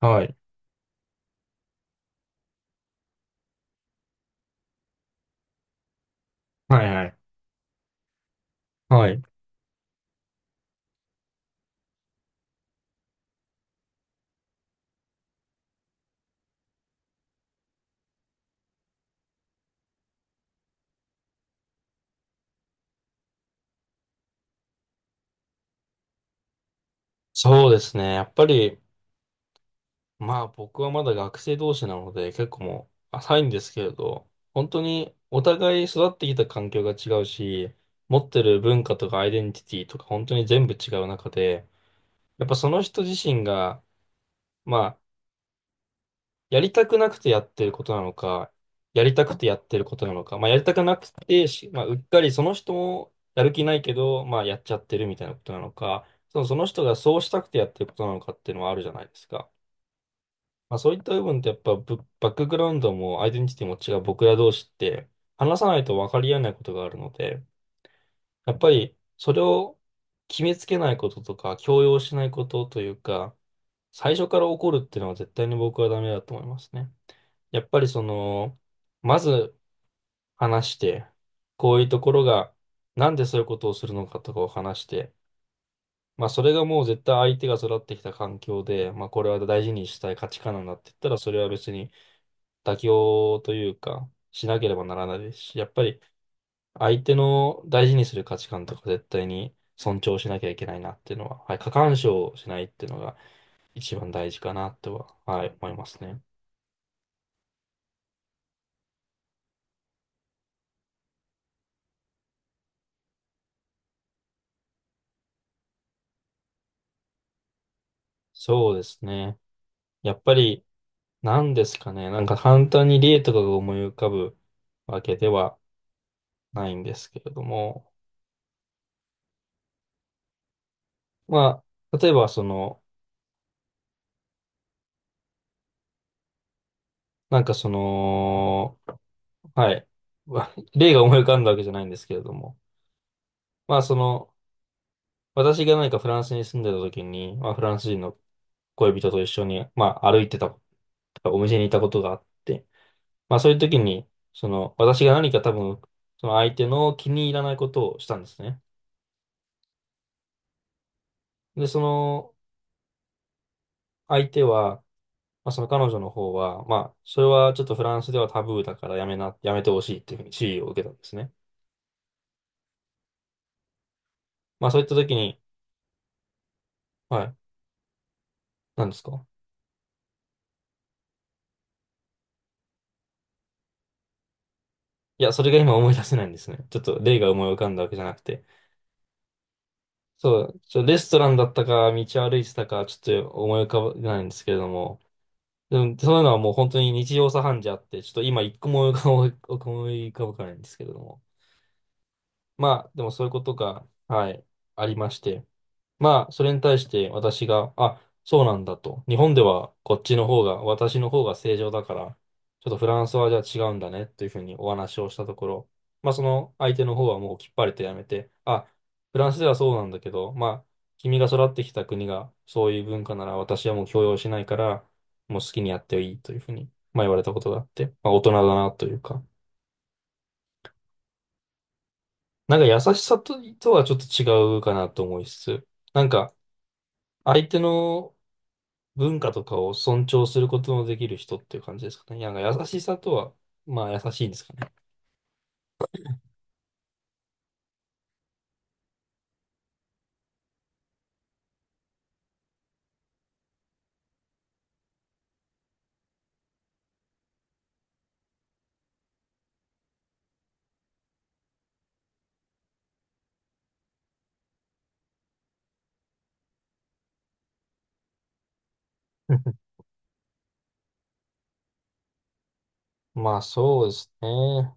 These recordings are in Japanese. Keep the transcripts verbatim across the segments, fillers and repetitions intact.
はい。はいはい。はい。そうですね。やっぱり、まあ僕はまだ学生同士なので結構もう浅いんですけれど、本当にお互い育ってきた環境が違うし、持ってる文化とかアイデンティティとか本当に全部違う中で、やっぱその人自身が、まあやりたくなくてやってることなのか、やりたくてやってることなのか、まあ、やりたくなくてし、まあ、うっかりその人もやる気ないけど、まあ、やっちゃってるみたいなことなのか、その、その人がそうしたくてやってることなのかっていうのはあるじゃないですか。まあ、そういった部分ってやっぱブバックグラウンドもアイデンティティも違う僕ら同士って話さないと分かり合えないことがあるので、やっぱりそれを決めつけないこととか強要しないことというか、最初から怒るっていうのは絶対に僕はダメだと思いますね。やっぱりその、まず話して、こういうところが、なんでそういうことをするのかとかを話して、まあそれがもう絶対相手が育ってきた環境で、まあこれは大事にしたい価値観なんだって言ったら、それは別に妥協というか、しなければならないですし、やっぱり相手の大事にする価値観とか絶対に尊重しなきゃいけないなっていうのは、はい、過干渉しないっていうのが一番大事かなとは、はい、思いますね。そうですね。やっぱり、なんですかね。なんか簡単に例とかが思い浮かぶわけではないんですけれども。まあ、例えばその、なんかその、はい。わ例が思い浮かんだわけじゃないんですけれども。まあその、私が何かフランスに住んでた時に、まあフランス人の恋人と一緒に、まあ歩いてた、お店にいたことがあって、まあそういう時に、その、私が何か多分、その相手の気に入らないことをしたんですね。で、その、相手は、まあ、その彼女の方は、まあ、それはちょっとフランスではタブーだからやめな、やめてほしいっていうふうに注意を受けたんですね。まあ、そういった時に、はい、何ですかいや、それが今思い出せないんですね。ちょっと例が思い浮かんだわけじゃなくて。そう、ちょ、レストランだったか、道を歩いてたか、ちょっと思い浮かばないんですけれども、でも、そういうのはもう本当に日常茶飯事あって、ちょっと今一個も思い浮かば思い浮かばないんですけれども。まあ、でもそういうことが、はい、ありまして。まあ、それに対して私が、あ、そうなんだと。日本ではこっちの方が、私の方が正常だから、ちょっとフランスはじゃあ違うんだねというふうにお話をしたところ、まあ、その相手の方はもうきっぱりとやめて、あ、フランスではそうなんだけど、まあ、君が育ってきた国がそういう文化なら私はもう強要しないから、もう好きにやっていいというふうに、まあ、言われたことがあって、まあ、大人だなというか、なんか優しさと、とはちょっと違うかなと思いつつ、なんか、相手の文化とかを尊重することのできる人っていう感じですかね。なんか優しさとは、まあ優しいんですかね。まあそうですね。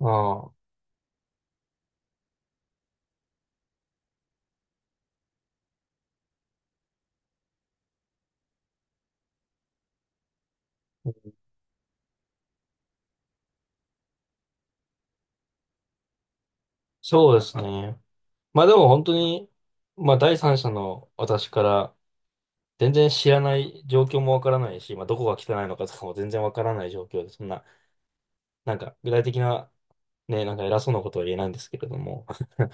ああ、そうですね。まあでも本当に、まあ第三者の私から全然知らない状況もわからないし、まあどこが汚いのかとかも全然わからない状況で、そんな、なんか具体的なね、なんか偉そうなことは言えないんですけれども。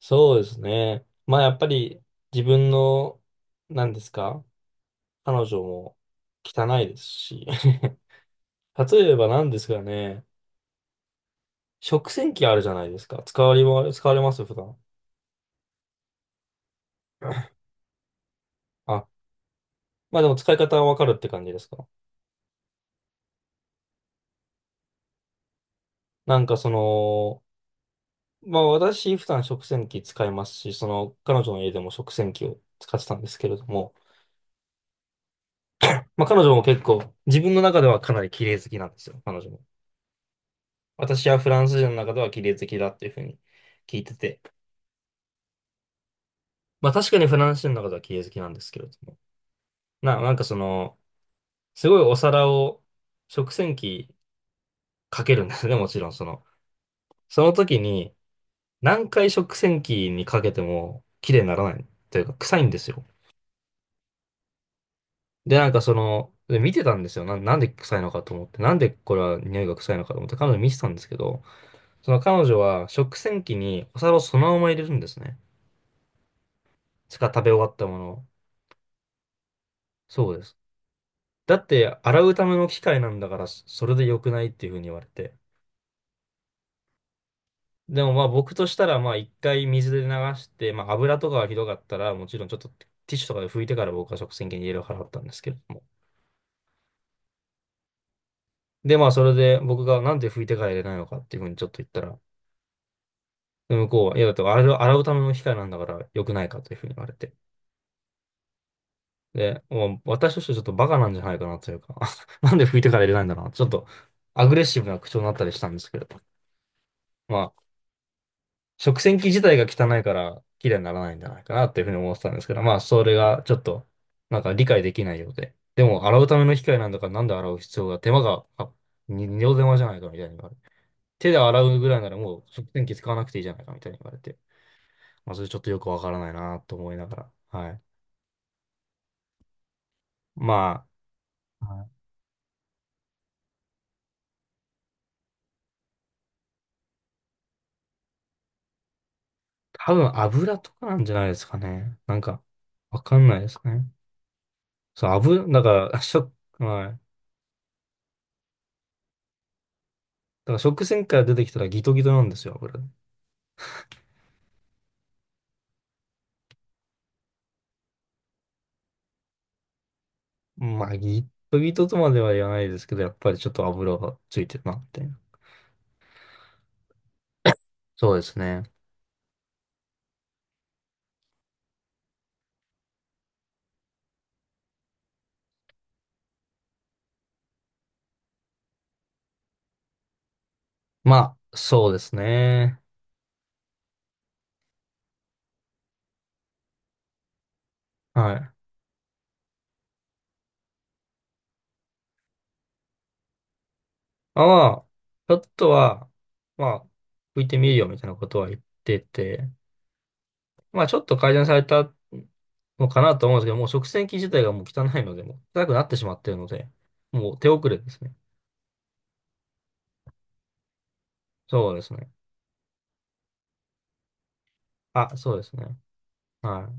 そうですね。まあやっぱり自分の、何ですか彼女も汚いですし。例えば何ですかね、食洗機あるじゃないですか。使われま、使われます普段。あ、まあでも使い方はわかるって感じですか。なんかその、まあ私普段食洗機使いますし、その彼女の家でも食洗機を使ってたんですけれども、まあ彼女も結構自分の中ではかなり綺麗好きなんですよ、彼女も。私はフランス人の中では綺麗好きだっていうふうに聞いてて。まあ確かにフランス人の中では綺麗好きなんですけれども。な、なんかその、すごいお皿を食洗機かけるんですね、もちろんその。その時に何回食洗機にかけても綺麗にならないというか臭いんですよ。で、なんかその、で見てたんですよ。な、なんで臭いのかと思って、なんでこれは匂いが臭いのかと思って彼女に見てたんですけど、その彼女は食洗機にお皿をそのまま入れるんですね。しか食べ終わったものを。そうです。だって洗うための機械なんだからそれで良くないっていうふうに言われて。でもまあ僕としたらまあ一回水で流して、まあ油とかがひどかったらもちろんちょっとティッシュとかで拭いてから僕は食洗機に入れる払ったんですけれども。でまあそれで僕がなんで拭いてから入れないのかっていうふうにちょっと言ったら、で向こうは、いやだって洗う、洗うための機械なんだから良くないかというふうに言われて。で、もう私としてはちょっとバカなんじゃないかなというか なんで拭いてから入れないんだろうな。ちょっとアグレッシブな口調になったりしたんですけれど。まあ食洗機自体が汚いから綺麗にならないんじゃないかなっていうふうに思ってたんですけど、まあ、それがちょっと、なんか理解できないようで。でも、洗うための機械なんだから、なんで洗う必要が、手間が、あ、に二度手間じゃないかみたいに言われて。手で洗うぐらいならもう食洗機使わなくていいじゃないかみたいに言われて。まあ、それちょっとよくわからないなと思いながら。はい。まあ、はい多分油とかなんじゃないですかね。なんか、わかんないですね。そう、油、だから、しょ、はい。だから食洗機から出てきたらギトギトなんですよ、油。まあ、ギットギトとまでは言わないですけど、やっぱりちょっと油がついてるな、みたいな。そうですね。まあ、そうですね。はい。まあ、まあ、ちょっとは、まあ、拭いてみるよ、みたいなことは言ってて、まあ、ちょっと改善されたのかなと思うんですけど、もう食洗機自体がもう汚いので、もう汚くなってしまっているので、もう手遅れですね。そうですね。あ、そうですね。は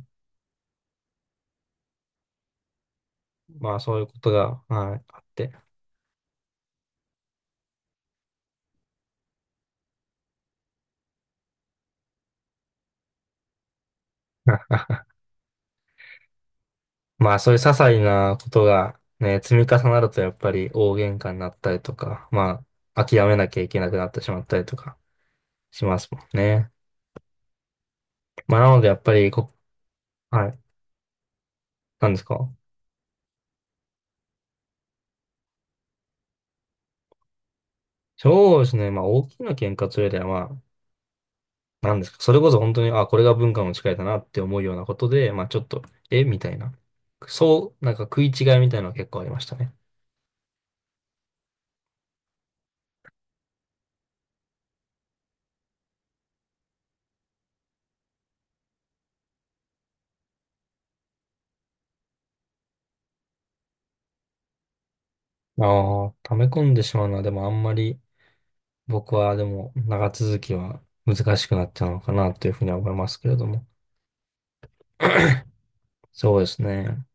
い。まあ、そういうことが、はい、あって。まあそういう些細なことがね、積み重なるとやっぱり大喧嘩になったりとか、まあ諦めなきゃいけなくなってしまったりとかしますもんね。まあなのでやっぱりこ、はい、なんですかそうですね、まあ大きな喧嘩というよりはまあ、なんですかそれこそ本当に、あ、これが文化の違いだなって思うようなことで、まあちょっと、えみたいな。そう、なんか食い違いみたいなのは結構ありましたね。ああ、溜め込んでしまうのはでもあんまり、僕はでも長続きは難しくなっちゃうのかなというふうには思いますけれども。そうですね。